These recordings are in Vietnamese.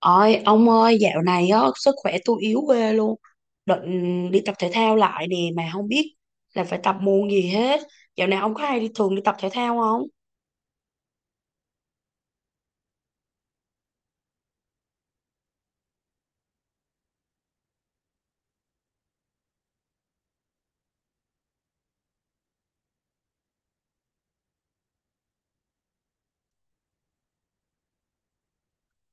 Ôi, ông ơi, dạo này á, sức khỏe tôi yếu ghê luôn. Định đi tập thể thao lại nè, mà không biết là phải tập môn gì hết. Dạo này ông có hay đi thường đi tập thể thao không?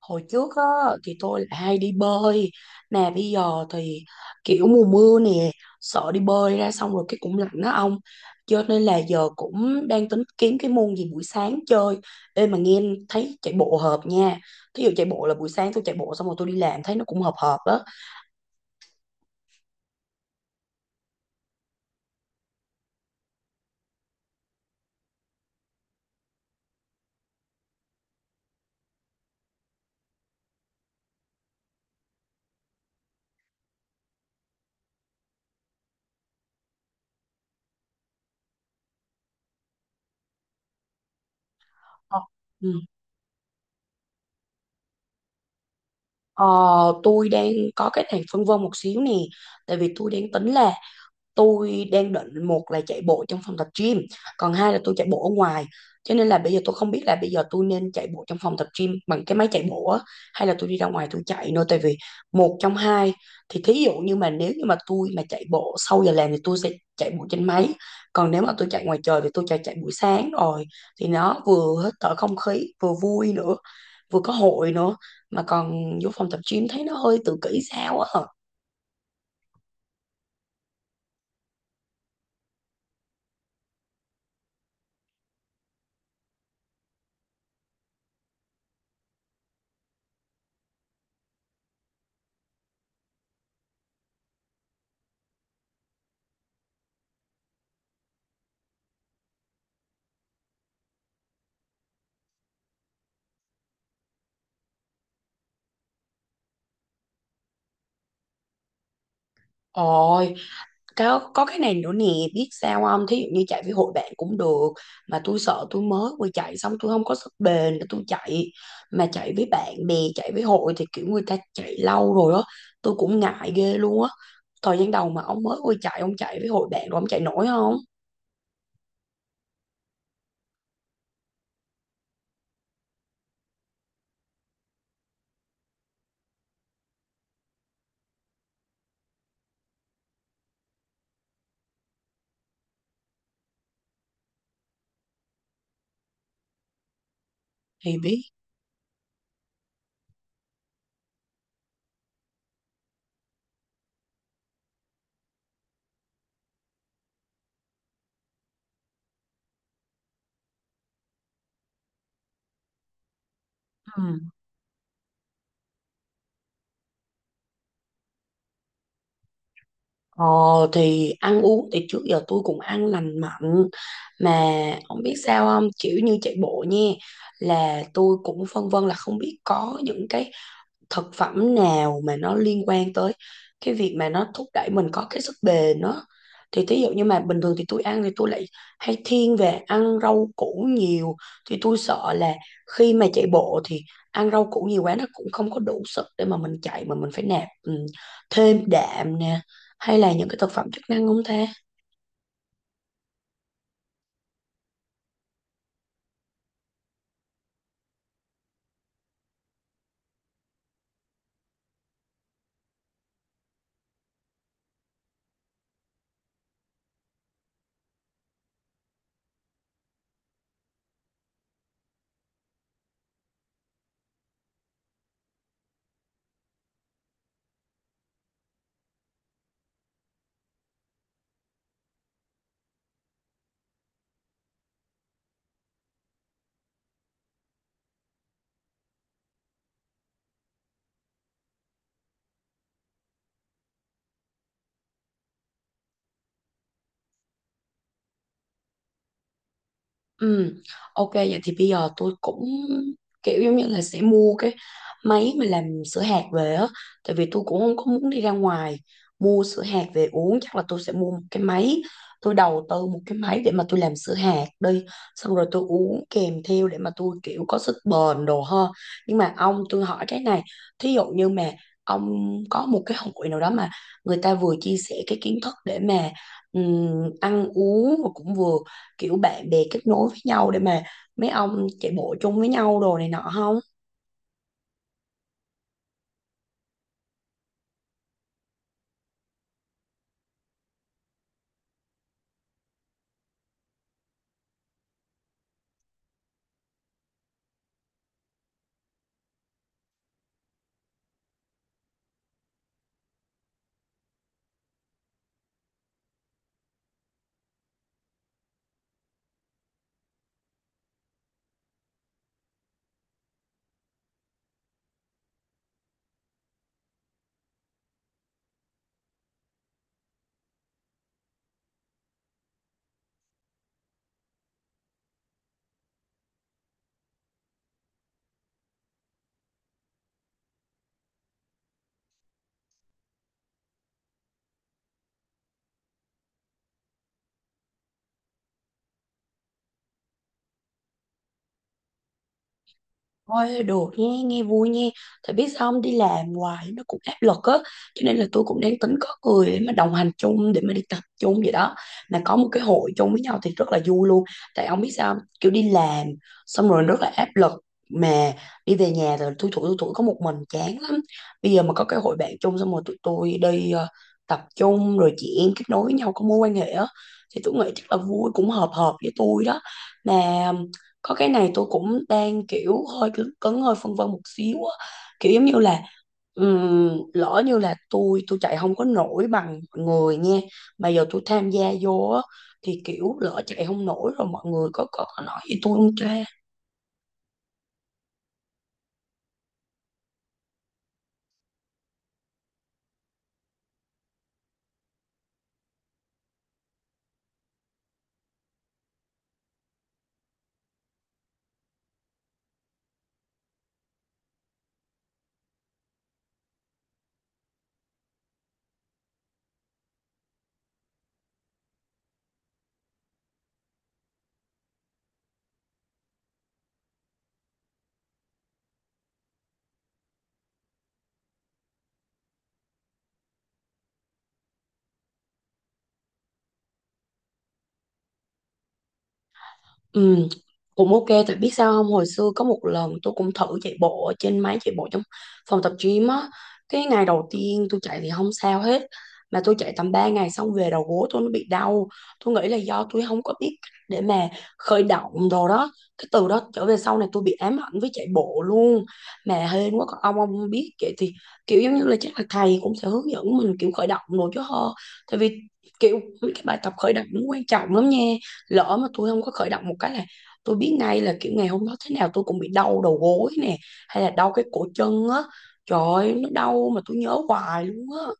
Hồi trước á, thì tôi là hay đi bơi. Nè, bây giờ thì kiểu mùa mưa nè, sợ đi bơi ra xong rồi cái cũng lạnh đó ông. Cho nên là giờ cũng đang tính kiếm cái môn gì buổi sáng chơi. Ê mà nghe thấy chạy bộ hợp nha. Thí dụ chạy bộ là buổi sáng tôi chạy bộ xong rồi tôi đi làm thấy nó cũng hợp hợp đó. Ờ, ừ. Ờ, tôi đang có cái này phân vân một xíu nè, tại vì tôi đang tính là tôi đang định một là chạy bộ trong phòng tập gym, còn hai là tôi chạy bộ ở ngoài. Cho nên là bây giờ tôi không biết là bây giờ tôi nên chạy bộ trong phòng tập gym bằng cái máy chạy bộ á, hay là tôi đi ra ngoài tôi chạy nữa. Tại vì một trong hai thì thí dụ như mà nếu như mà tôi mà chạy bộ sau giờ làm thì tôi sẽ chạy bộ trên máy, còn nếu mà tôi chạy ngoài trời thì tôi chạy chạy buổi sáng rồi thì nó vừa hít thở không khí vừa vui nữa, vừa có hội nữa, mà còn vô phòng tập gym thấy nó hơi tự kỷ sao á. Ôi, có cái này nữa nè biết sao không, thí dụ như chạy với hội bạn cũng được, mà tôi sợ tôi mới vừa chạy xong tôi không có sức bền để tôi chạy, mà chạy với bạn bè chạy với hội thì kiểu người ta chạy lâu rồi á, tôi cũng ngại ghê luôn á. Thời gian đầu mà ông mới vừa chạy ông chạy với hội bạn rồi ông chạy nổi không thì biết. Ừ. Ờ thì ăn uống thì trước giờ tôi cũng ăn lành mạnh, mà không biết sao không kiểu như chạy bộ nha, là tôi cũng phân vân là không biết có những cái thực phẩm nào mà nó liên quan tới cái việc mà nó thúc đẩy mình có cái sức bền đó. Thì thí dụ như mà bình thường thì tôi ăn thì tôi lại hay thiên về ăn rau củ nhiều, thì tôi sợ là khi mà chạy bộ thì ăn rau củ nhiều quá nó cũng không có đủ sức để mà mình chạy, mà mình phải nạp thêm đạm nè, hay là những cái thực phẩm chức năng không ta. Ừ, ok vậy thì bây giờ tôi cũng kiểu giống như là sẽ mua cái máy mà làm sữa hạt về á, tại vì tôi cũng không có muốn đi ra ngoài mua sữa hạt về uống, chắc là tôi sẽ mua một cái máy, tôi đầu tư một cái máy để mà tôi làm sữa hạt đi, xong rồi tôi uống kèm theo để mà tôi kiểu có sức bền đồ ha. Nhưng mà ông tôi hỏi cái này, thí dụ như mà ông có một cái hội nào đó mà người ta vừa chia sẻ cái kiến thức để mà ăn uống mà cũng vừa kiểu bạn bè kết nối với nhau để mà mấy ông chạy bộ chung với nhau đồ này nọ không. Thôi được nha, nghe vui nha. Tại biết sao không đi làm hoài nó cũng áp lực á. Cho nên là tôi cũng đang tính có người để mà đồng hành chung, để mà đi tập chung vậy đó. Mà có một cái hội chung với nhau thì rất là vui luôn. Tại ông biết sao không? Kiểu đi làm xong rồi rất là áp lực. Mà đi về nhà rồi thui thủi có một mình chán lắm. Bây giờ mà có cái hội bạn chung xong rồi tụi tôi đi tập chung rồi chị em kết nối với nhau có mối quan hệ á. Thì tôi nghĩ chắc là vui cũng hợp hợp với tôi đó. Mà có cái này tôi cũng đang kiểu hơi cứng, cứng hơi phân vân một xíu á, kiểu giống như là lỡ như là tôi chạy không có nổi bằng mọi người nha, mà giờ tôi tham gia vô á thì kiểu lỡ chạy không nổi rồi mọi người có nói gì tôi không cha. Ừ, cũng ok tại biết sao không hồi xưa có một lần tôi cũng thử chạy bộ ở trên máy chạy bộ trong phòng tập gym á, cái ngày đầu tiên tôi chạy thì không sao hết, mà tôi chạy tầm 3 ngày xong về đầu gối tôi nó bị đau. Tôi nghĩ là do tôi không có biết cách để mà khởi động đồ đó, cái từ đó trở về sau này tôi bị ám ảnh với chạy bộ luôn. Mà hên quá còn ông biết vậy thì kiểu giống như là chắc là thầy cũng sẽ hướng dẫn mình kiểu khởi động đồ chứ hơ. Tại vì kiểu cái bài tập khởi động nó quan trọng lắm nha, lỡ mà tôi không có khởi động một cái là tôi biết ngay là kiểu ngày hôm đó thế nào tôi cũng bị đau đầu gối nè, hay là đau cái cổ chân á. Trời ơi, nó đau mà tôi nhớ hoài luôn á.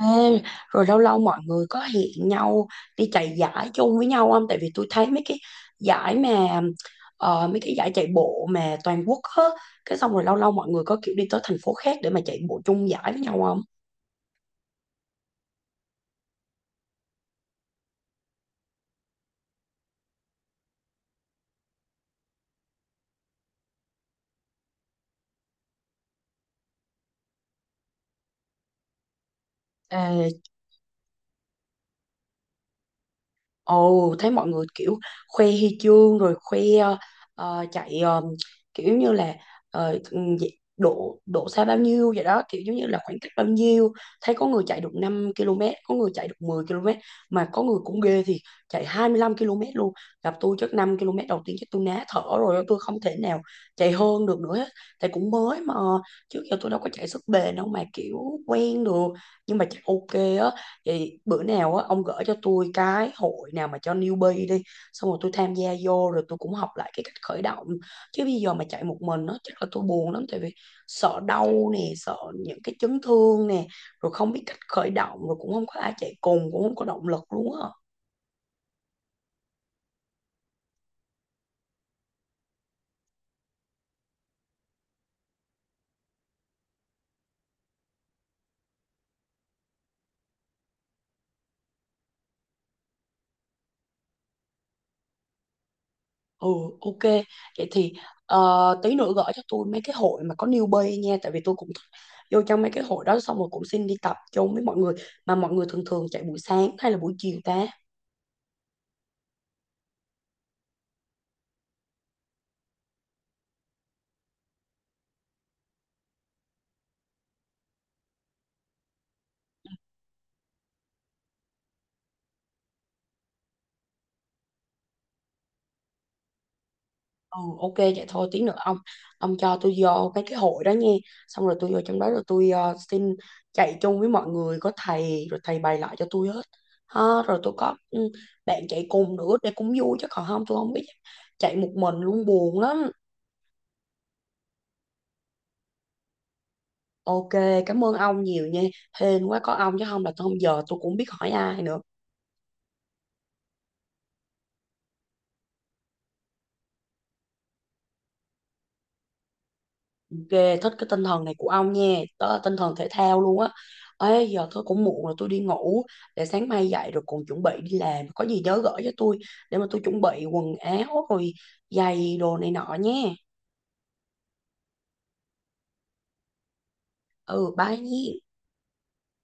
Ê, rồi lâu lâu mọi người có hẹn nhau đi chạy giải chung với nhau không, tại vì tôi thấy mấy cái giải mà mấy cái giải chạy bộ mà toàn quốc á, cái xong rồi lâu lâu mọi người có kiểu đi tới thành phố khác để mà chạy bộ chung giải với nhau không. Ê, ồ, thấy mọi người kiểu khoe huy chương rồi khoe ờ, chạy ờ, kiểu như là ờ, ừm, dị- độ độ xa bao nhiêu vậy đó, kiểu giống như là khoảng cách bao nhiêu. Thấy có người chạy được 5 km, có người chạy được 10 km, mà có người cũng ghê thì chạy 25 km luôn. Gặp tôi chắc 5 km đầu tiên chắc tôi ná thở rồi, tôi không thể nào chạy hơn được nữa hết. Tại cũng mới mà trước giờ tôi đâu có chạy sức bền đâu mà kiểu quen được, nhưng mà chắc ok á. Thì bữa nào á ông gửi cho tôi cái hội nào mà cho newbie đi, xong rồi tôi tham gia vô rồi tôi cũng học lại cái cách khởi động, chứ bây giờ mà chạy một mình nó chắc là tôi buồn lắm, tại vì sợ đau nè, sợ những cái chấn thương nè, rồi không biết cách khởi động, rồi cũng không có ai chạy cùng cũng không có động lực luôn á. Ừ, ok vậy thì tí nữa gửi cho tôi mấy cái hội mà có newbie nha, tại vì tôi cũng thích vô trong mấy cái hội đó xong rồi cũng xin đi tập chung với mọi người. Mà mọi người thường thường chạy buổi sáng hay là buổi chiều ta. Ừ ok vậy thôi tí nữa ông, cho tôi vô cái hội đó nha, xong rồi tôi vô trong đó rồi tôi xin chạy chung với mọi người có thầy rồi thầy bày lại cho tôi hết ha. Rồi tôi có bạn chạy cùng nữa để cũng vui, chứ còn không tôi không biết, chạy một mình luôn buồn lắm. Ok, cảm ơn ông nhiều nha. Hên quá có ông chứ không là tôi không giờ tôi cũng không biết hỏi ai nữa. Ghê thích cái tinh thần này của ông nha, đó tinh thần thể thao luôn á. Ê giờ tôi cũng muộn rồi tôi đi ngủ, để sáng mai dậy rồi còn chuẩn bị đi làm. Có gì nhớ gửi cho tôi để mà tôi chuẩn bị quần áo rồi giày đồ này nọ nha. Ừ bye nhé.